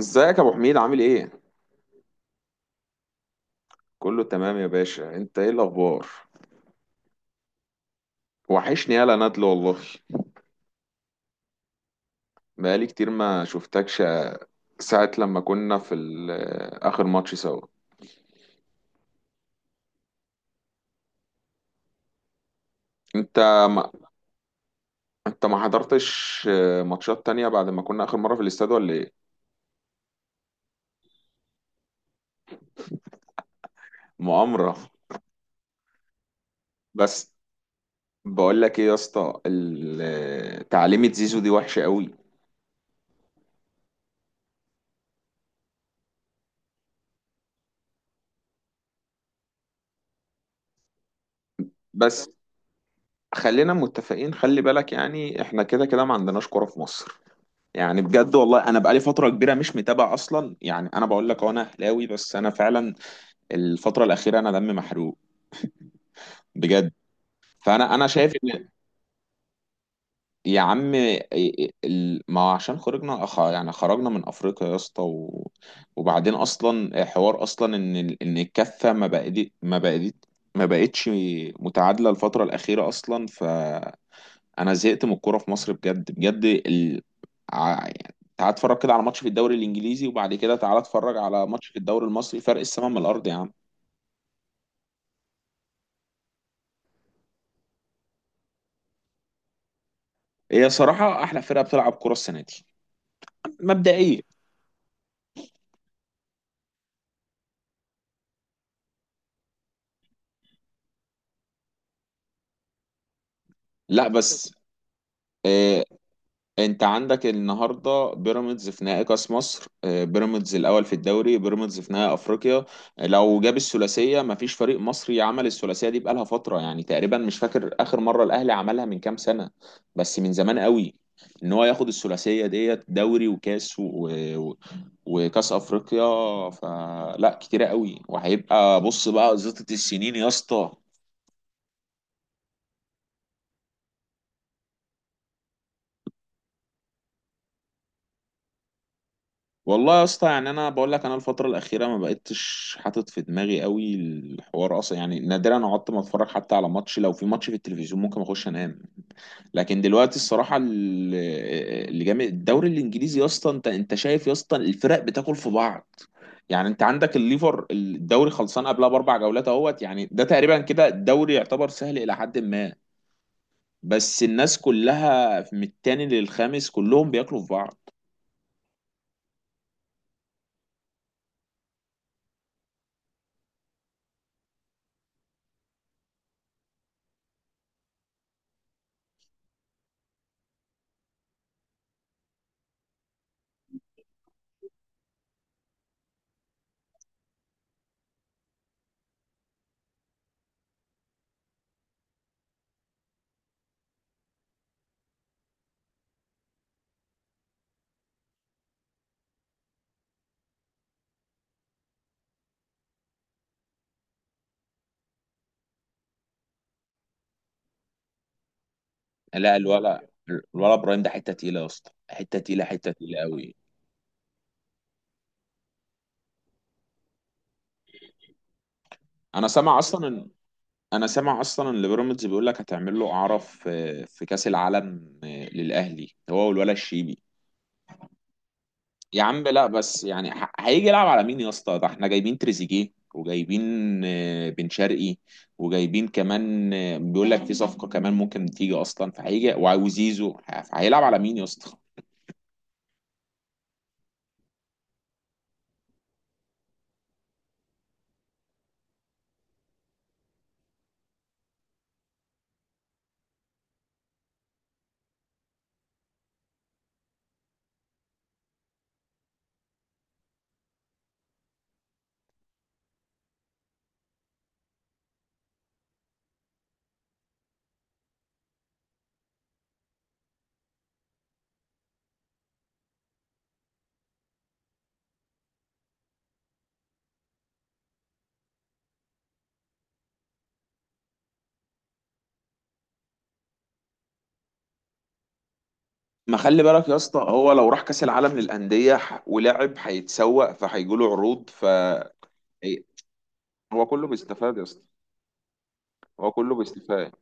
ازيك يا ابو حميد؟ عامل ايه؟ كله تمام يا باشا. انت ايه الاخبار؟ وحشني، يالا ندل والله. بقالي كتير ما شفتكش. ساعة لما كنا في اخر ماتش سوا. انت ما انت ما حضرتش ماتشات تانية بعد ما كنا اخر مرة في الاستاد ولا ايه؟ مؤامرة. بس بقول لك ايه يا اسطى، تعليمة زيزو دي وحشة قوي. بس خلينا متفقين، خلي بالك يعني احنا كده كده ما عندناش كرة في مصر. يعني بجد والله انا بقالي فتره كبيره مش متابع اصلا. يعني انا بقول لك أهو، انا اهلاوي بس انا فعلا الفتره الاخيره انا دمي محروق بجد. فانا شايف ان، يا عم ما هو عشان خرجنا، يعني خرجنا من افريقيا يا اسطى. وبعدين اصلا حوار اصلا ان ان الكفه ما بقت ما بقتش متعادله الفتره الاخيره اصلا. انا زهقت من الكوره في مصر بجد بجد. يعني تعال اتفرج كده على ماتش في الدوري الانجليزي وبعد كده تعال اتفرج على ماتش في الدوري المصري. فرق السماء من الارض يا عم. هي صراحه احلى فرقه بتلعب كوره السنه دي مبدئيا. لا بس، آه، انت عندك النهارده بيراميدز في نهائي كاس مصر، آه، بيراميدز الاول في الدوري، بيراميدز في نهائي افريقيا. آه، لو جاب الثلاثيه مفيش فريق مصري عمل الثلاثيه دي بقالها فتره. يعني تقريبا مش فاكر اخر مره الاهلي عملها من كام سنه، بس من زمان قوي، ان هو ياخد الثلاثيه ديت، دوري وكاس و... وكاس افريقيا. فلا كتيره قوي، وهيبقى بص بقى زيطه السنين يا اسطى. والله يا اسطى يعني انا بقول لك، انا الفتره الاخيره ما بقتش حاطط في دماغي قوي الحوار اصلا. يعني نادرا قعدت ما اتفرج حتى على ماتش، لو في ماتش في التلفزيون ممكن اخش انام. لكن دلوقتي الصراحه اللي جامد الدوري الانجليزي يا اسطى. انت شايف يا اسطى، الفرق بتاكل في بعض. يعني انت عندك الليفر الدوري خلصان قبلها باربع جولات اهوت. يعني ده تقريبا كده الدوري يعتبر سهل الى حد ما، بس الناس كلها من التاني للخامس كلهم بياكلوا في بعض. لا الولا ابراهيم ده حته تقيله يا اسطى، حته تقيله، حته تقيله قوي. انا سامع اصلا ان، بيراميدز بيقول لك هتعمل له اعاره في كاس العالم، آه، للاهلي، هو والولا الشيبي. يا عم لا بس يعني هيجي يلعب على مين يا اسطى؟ ده احنا جايبين تريزيجيه وجايبين، آه، بن شرقي، وجايبين كمان، آه، بيقول لك في صفقه كمان ممكن تيجي اصلا. فهيجي وزيزو، فهيلعب على مين يا اسطى؟ ما خلي بالك يا اسطى، هو لو راح كاس العالم للانديه ولعب، هيتسوق فهيجي له عروض. هي- هو كله بيستفاد يا اسطى. هو كله بيستفاد.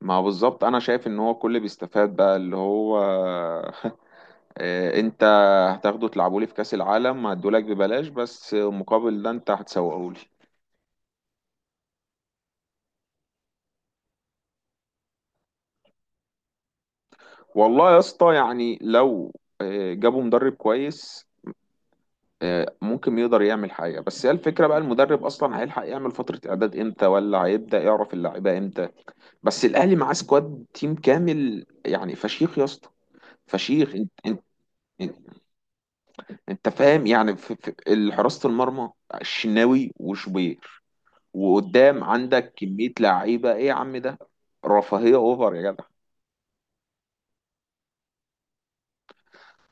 ما بالظبط انا شايف ان هو كله بيستفاد بقى، اللي هو إيه، انت هتاخده تلعبوا لي في كاس العالم هدولك ببلاش، بس مقابل ده انت هتسوقوا لي. والله يا اسطى يعني لو، إيه، جابوا مدرب كويس، إيه، ممكن يقدر يعمل حاجه. بس هي الفكره بقى المدرب اصلا هيلحق يعمل فتره اعداد امتى، ولا هيبدا يعرف اللعيبه امتى؟ بس الاهلي معاه سكواد تيم كامل يعني، فشيخ يا اسطى، فشيخ. انت انت فاهم، يعني في حراسة المرمى الشناوي وشوبير، وقدام عندك كمية لعيبة، ايه يا عم ده، رفاهية اوفر يا جدع.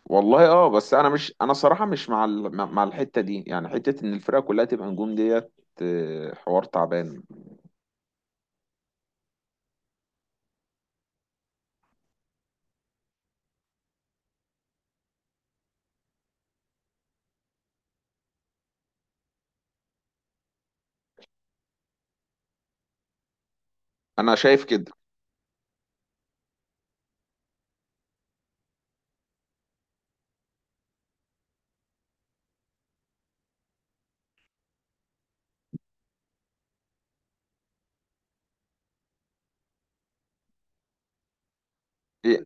والله اه، بس انا صراحة مش مع ال- مع مع الحتة دي، يعني حتة ان الفرقة كلها تبقى نجوم ديت، آه، حوار تعبان. انا شايف كده. إيه،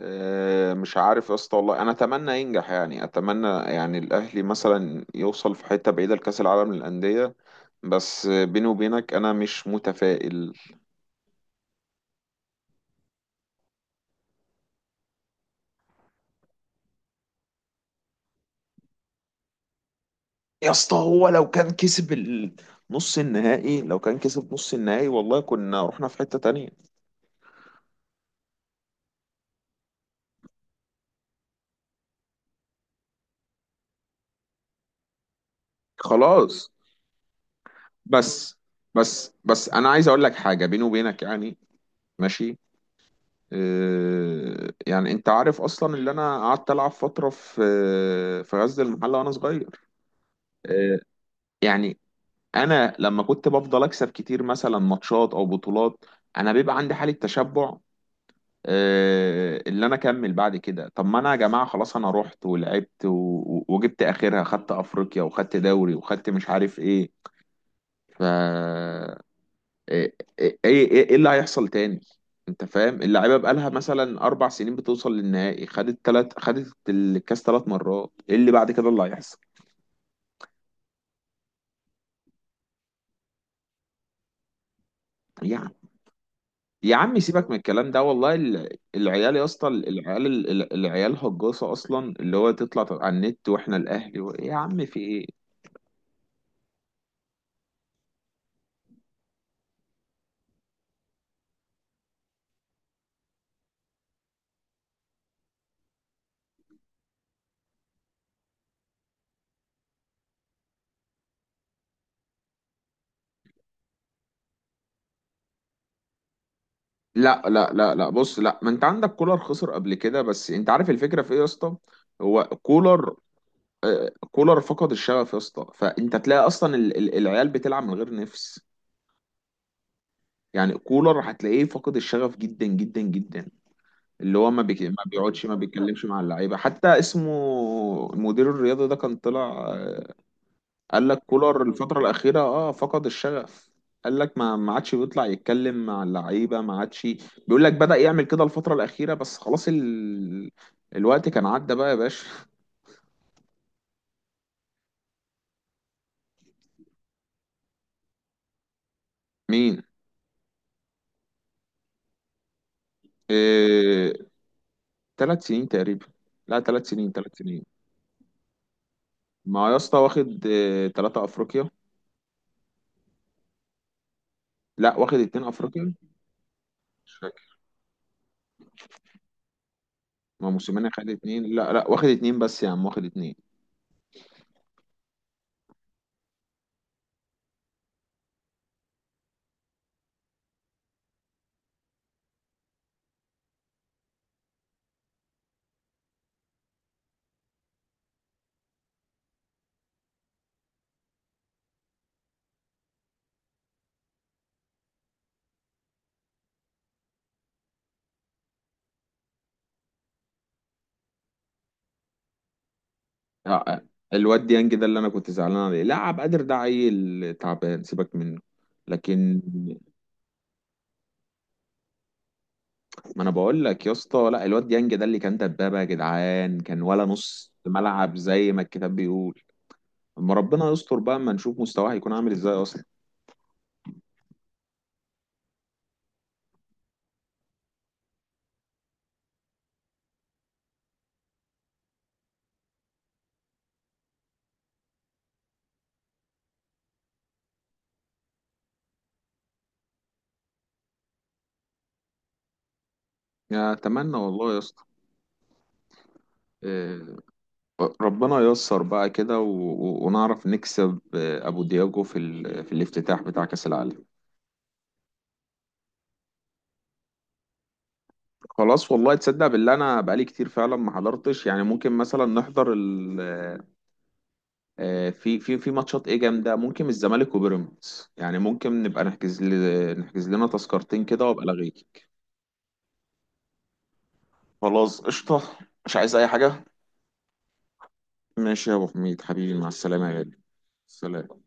آه، مش عارف يا اسطى والله. انا اتمنى ينجح، يعني اتمنى يعني الاهلي مثلا يوصل في حته بعيده لكاس العالم للانديه، بس بيني وبينك انا مش متفائل. يا اسطى، هو لو كان كسب ال- نص النهائي لو كان كسب نص النهائي والله كنا رحنا في حته تانية. خلاص. بس بس انا عايز اقول لك حاجه بيني وبينك يعني، ماشي؟ آه، يعني انت عارف اصلا اللي انا قعدت العب فتره في غزل المحله وانا صغير. آه، يعني انا لما كنت بفضل اكسب كتير مثلا ماتشات او بطولات، انا بيبقى عندي حالة تشبع. آه، اللي انا اكمل بعد كده؟ طب ما انا يا جماعة خلاص انا رحت ولعبت وجبت اخرها، خدت افريقيا وخدت دوري وخدت مش عارف ايه. آه، إيه اللي هيحصل تاني؟ انت فاهم اللعيبه بقالها مثلا 4 سنين بتوصل للنهائي، خدت تلات، خدت الكاس 3 مرات، ايه اللي بعد كده اللي هيحصل؟ يعني يا عم سيبك من الكلام ده والله. العيال يا اسطى، العيال، العيال هجاصه اصلا، اللي هو تطلع على النت واحنا الاهلي يا عم في ايه؟ لا لا لا لا، بص، لا ما انت عندك كولر خسر قبل كده، بس انت عارف الفكره في ايه يا اسطى؟ هو كولر، آه، كولر فقد الشغف يا اسطى. فانت تلاقي اصلا العيال بتلعب من غير نفس. يعني كولر هتلاقيه فقد الشغف جدا جدا جدا، اللي هو ما بيقعدش ما بيتكلمش مع اللعيبه حتى اسمه. المدير الرياضي ده كان طلع، آه، قال لك كولر الفترة الأخيرة فقد الشغف. قال لك ما عادش بيطلع يتكلم مع اللعيبة ما عادش. بيقول لك بدأ يعمل كده الفترة الأخيرة، بس خلاص الوقت كان عدى بقى يا باشا. مين؟ إيه... 3 سنين تقريبا. لا، 3 سنين، 3 سنين. ما يا اسطى واخد تلاتة أفريقيا. لا، واخد اتنين أفريقيا. مش فاكر. ما موسيماني خد اتنين، لا لا، واخد اتنين بس يا عم، واخد اتنين. آه، آه. الواد ديانج ده اللي انا كنت زعلان عليه، لا، عبد القادر ده عيل تعبان سيبك منه. لكن، ما انا بقول لك يا اسطى، لا الواد ديانج ده اللي كان دبابه يا جدعان، كان ولا نص ملعب زي ما الكتاب بيقول. اما ربنا يستر بقى اما نشوف مستواه هيكون عامل ازاي اصلا. يا اتمنى والله يا اسطى. آه، ربنا ييسر بقى كده ونعرف نكسب، آه، ابو دياجو في في الافتتاح بتاع كاس العالم. خلاص والله تصدق بالله انا بقالي كتير فعلا ما حضرتش. يعني ممكن مثلا نحضر آه، في ماتشات ايه جامده، ممكن الزمالك وبيراميدز، يعني ممكن نبقى نحجز نحجز لنا تذكرتين كده وابقى الغيك. خلاص قشطه، مش عايز اي حاجه. ماشي يا ابو حميد حبيبي، مع السلامه يا غالي. سلام.